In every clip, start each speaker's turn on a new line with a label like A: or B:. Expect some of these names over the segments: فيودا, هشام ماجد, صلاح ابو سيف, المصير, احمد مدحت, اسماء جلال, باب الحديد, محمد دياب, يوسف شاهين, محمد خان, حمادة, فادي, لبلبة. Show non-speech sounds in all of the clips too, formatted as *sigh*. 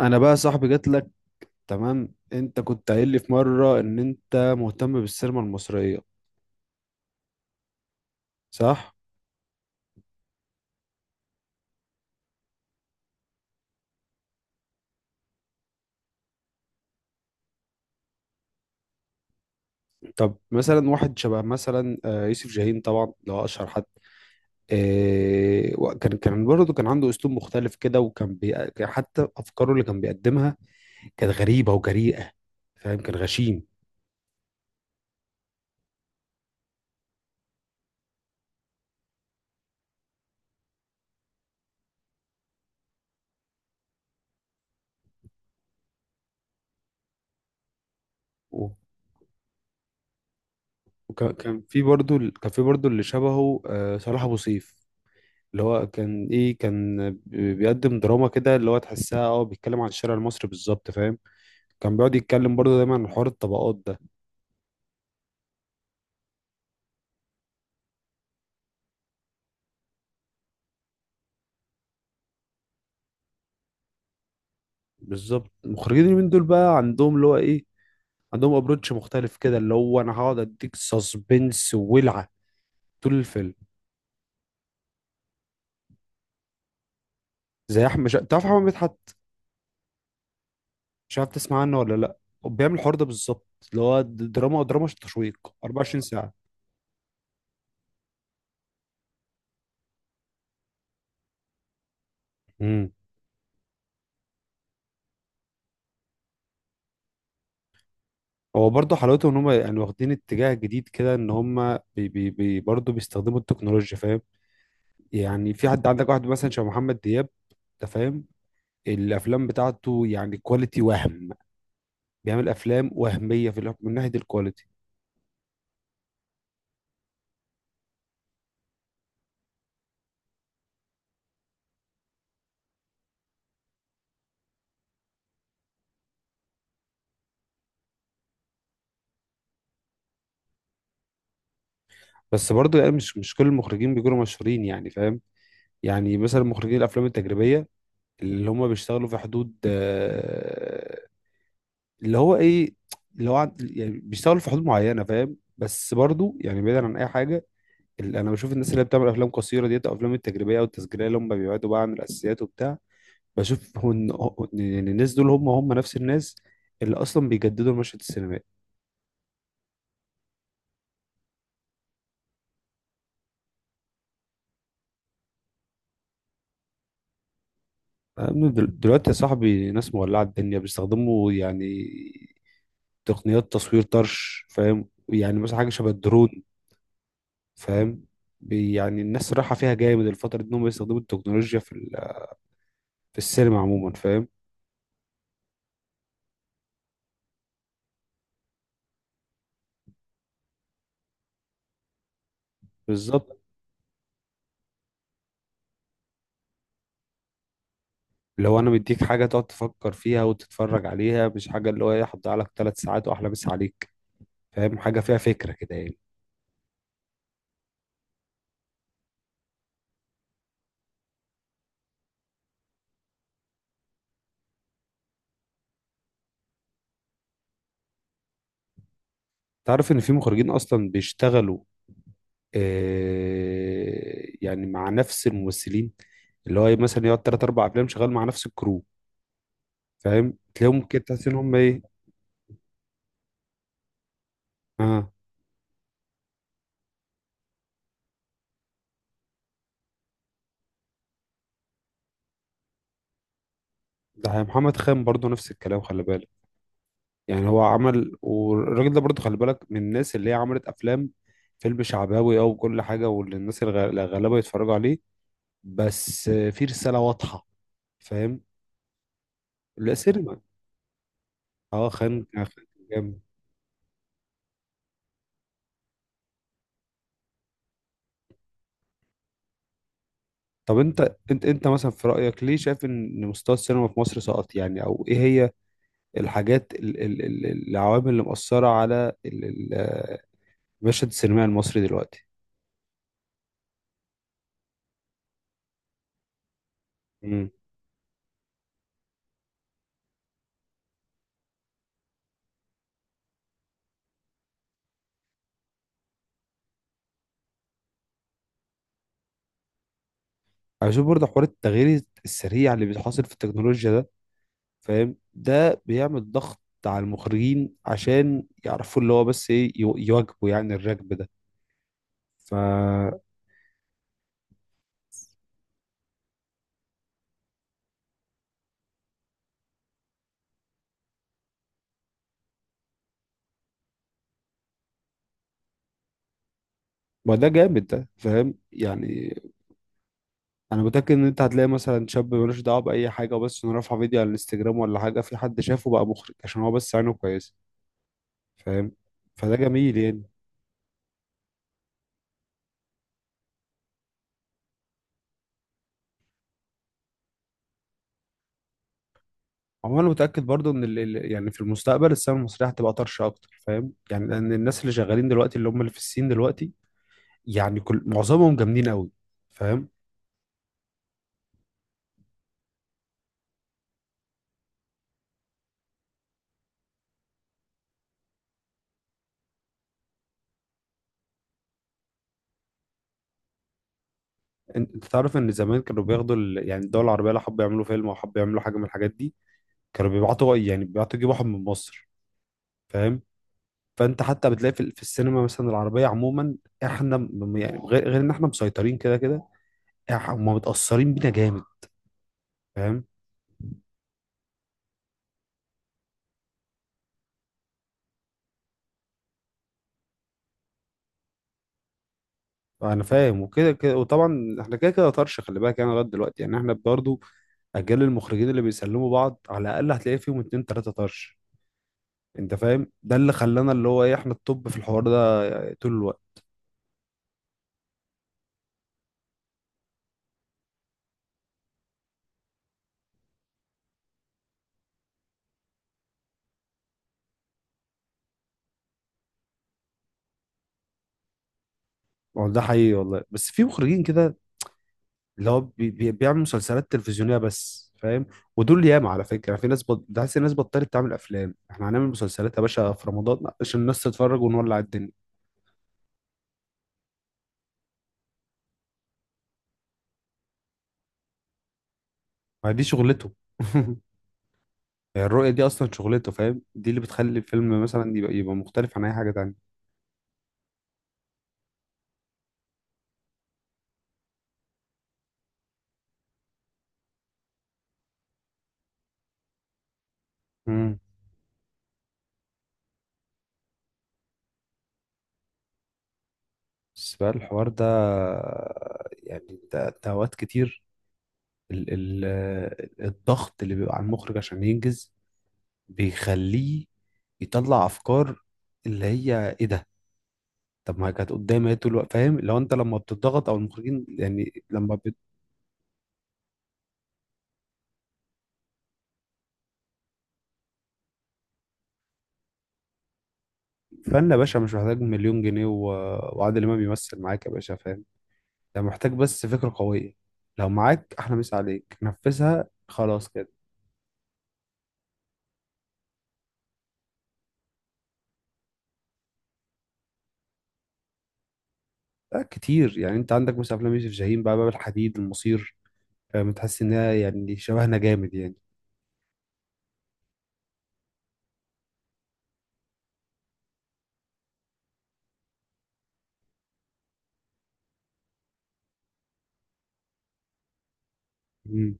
A: انا بقى صاحبي جات لك. تمام، انت كنت قايل لي في مره ان انت مهتم بالسينما المصريه، صح؟ طب مثلا واحد شبه مثلا يوسف شاهين طبعا اللي هو اشهر حد. كان برضه كان عنده اسلوب مختلف كده، وكان بي... كان حتى افكاره اللي كان بيقدمها كانت غريبه وجريئه. فاهم؟ كان غشيم. وكان في برضه كان في برضه اللي شبهه صلاح ابو سيف. اللي هو كان ايه، كان بيقدم دراما كده اللي هو تحسها، بيتكلم عن الشارع المصري بالظبط. فاهم؟ كان بيقعد يتكلم برضه دايما عن حوار الطبقات ده. بالظبط. المخرجين اليومين دول بقى عندهم اللي هو ايه، عندهم ابروتش مختلف كده، اللي هو انا هقعد اديك سسبنس وولعه طول الفيلم. تعرف احمد مدحت؟ مش عارف تسمع عنه ولا لا؟ هو بيعمل الحوار ده بالظبط. اللي هو دراما تشويق 24 ساعه. امم هو برضه حلاوته ان هم يعني واخدين اتجاه جديد كده، ان هم بي بي بي برضه بيستخدموا التكنولوجيا. فاهم؟ يعني في حد عندك واحد مثلا شبه محمد دياب. انت فاهم؟ الافلام بتاعته يعني كواليتي، وهم بيعمل افلام وهميه من ناحيه الكواليتي. بس برضه يعني مش كل المخرجين بيكونوا مشهورين يعني. فاهم؟ يعني مثلا مخرجين الافلام التجريبيه اللي هم بيشتغلوا في حدود اللي هو ايه، اللي هو يعني بيشتغلوا في حدود معينه. فاهم؟ بس برضه يعني بعيدا عن اي حاجه، اللي انا بشوف الناس اللي بتعمل افلام قصيره ديت او افلام التجريبيه او التسجيليه اللي هم بيبعدوا بقى عن الاساسيات وبتاع، بشوف هو إن الناس دول هم نفس الناس اللي اصلا بيجددوا المشهد السينمائي. يا ابني، دلوقتي يا صاحبي ناس مولعة الدنيا بيستخدموا يعني تقنيات تصوير طرش. فاهم؟ يعني مثلا حاجة شبه الدرون. فاهم؟ يعني الناس رايحة فيها جامد الفترة دي انهم يستخدموا التكنولوجيا في السينما عموما. فاهم؟ بالظبط. لو انا مديك حاجة تقعد تفكر فيها وتتفرج عليها، مش حاجة اللي هو ايه هتضيع لك 3 ساعات واحلى مسا عليك. فاهم؟ حاجة فيها فكرة كده يعني. تعرف ان في مخرجين اصلا بيشتغلوا يعني مع نفس الممثلين، اللي هو مثلا يقعد تلات أربع أفلام شغال مع نفس الكرو. فاهم؟ تلاقيهم كده تحس إن هم إيه. آه. ده محمد خان برضه نفس الكلام، خلي بالك. يعني هو عمل، والراجل ده برضه خلي بالك من الناس اللي هي عملت أفلام، فيلم شعباوي أو كل حاجة، واللي الناس الغلابة يتفرجوا عليه، بس في رسالة واضحة. فاهم؟ لا سينما. اه، خان كان جامد. طب انت مثلا في رأيك ليه شايف ان مستوى السينما في مصر سقط يعني، او ايه هي الحاجات العوامل اللي مأثرة على المشهد السينمائي المصري دلوقتي؟ امم عايزين برضه حوار التغيير السريع اللي بيحصل في التكنولوجيا ده. فاهم؟ ده بيعمل ضغط على المخرجين عشان يعرفوا اللي هو بس ايه، يواكبوا يعني الركب ده. ف ما ده جامد ده. فاهم؟ يعني انا متاكد ان انت هتلاقي مثلا شاب ملوش دعوه باي حاجه، وبس انه رافع فيديو على الانستجرام ولا حاجه، في حد شافه بقى مخرج عشان هو بس عينه كويسه. فاهم؟ فده جميل يعني. هو انا متاكد برضو ان يعني في المستقبل السينما المصريه هتبقى طرشه اكتر. فاهم؟ يعني لان الناس اللي شغالين دلوقتي، اللي هم اللي في الصين دلوقتي، يعني كل معظمهم جامدين قوي. فاهم؟ انت تعرف ان زمان كانوا بياخدوا يعني الدول العربيه لو حبوا يعملوا فيلم او حبوا يعملوا حاجه من الحاجات دي، كانوا بيبعتوا يجيبوا واحد من مصر. فاهم؟ فانت حتى بتلاقي في السينما مثلا العربيه عموما. احنا يعني غير ان احنا مسيطرين كده كده، هم متاثرين بينا جامد. فاهم؟ انا فاهم وكده كده، وطبعا احنا كده كده طرش خلي بالك، يعني لغايه دلوقتي يعني احنا برضو اجيال المخرجين اللي بيسلموا بعض على الاقل هتلاقي فيهم اتنين تلاته طرش. انت فاهم؟ ده اللي خلانا اللي هو ايه، احنا التوب في الحوار ده طول الوقت. والله ده حقيقي والله، بس في مخرجين كده اللي هو بي بي بيعمل مسلسلات تلفزيونيه بس. فاهم؟ ودول ياما، على فكره يعني في ناس ده حاسس الناس بطلت تعمل افلام، احنا هنعمل مسلسلات يا باشا في رمضان عشان الناس تتفرج ونولع الدنيا. ما دي شغلته. *laughs* يعني الرؤية دي أصلا شغلته. فاهم؟ دي اللي بتخلي الفيلم مثلا يبقى مختلف عن أي حاجة تانية. مم. بس بقى الحوار ده، يعني ده أوقات كتير، ال ال الضغط اللي بيبقى على المخرج عشان ينجز بيخليه يطلع أفكار، اللي هي إيه ده. طب ما كانت قدامي إيه طول الوقت. فاهم؟ لو أنت لما بتضغط أو المخرجين يعني فن يا باشا مش محتاج مليون جنيه وعادل إمام يمثل معاك يا باشا. فاهم؟ ده محتاج بس فكرة قوية. لو معاك أحلى مسا عليك، نفذها خلاص كده. ده كتير يعني، أنت عندك مثلا أفلام يوسف شاهين بقى، باب الحديد، المصير. فاهم؟ تحس إنها يعني شبهنا جامد يعني. مم.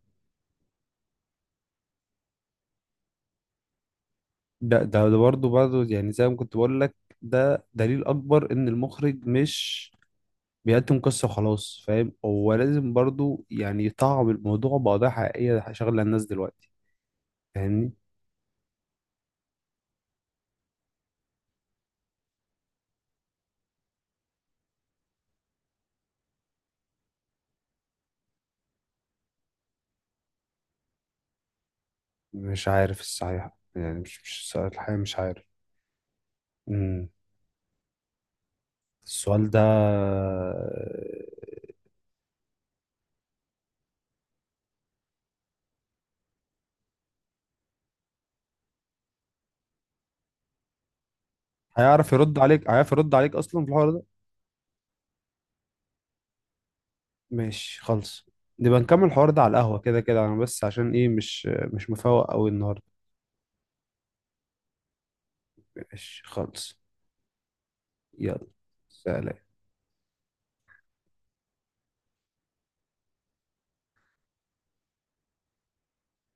A: ده برضه يعني زي ما كنت بقول لك، ده دليل أكبر إن المخرج مش بيقدم قصة وخلاص. فاهم؟ هو لازم برضه يعني يطعم الموضوع بقضايا حقيقية شغلة الناس دلوقتي. فاهمني؟ مش عارف الصحيح. يعني مش الحقيقة مش عارف. مم. السؤال ده. هيعرف يرد عليك اصلا في الحوار ده. ماشي، خلص. نبقى نكمل الحوار ده على القهوة، كده كده انا بس عشان ايه مش مفوق قوي النهارده. ماشي، خلص. يلا. سلام.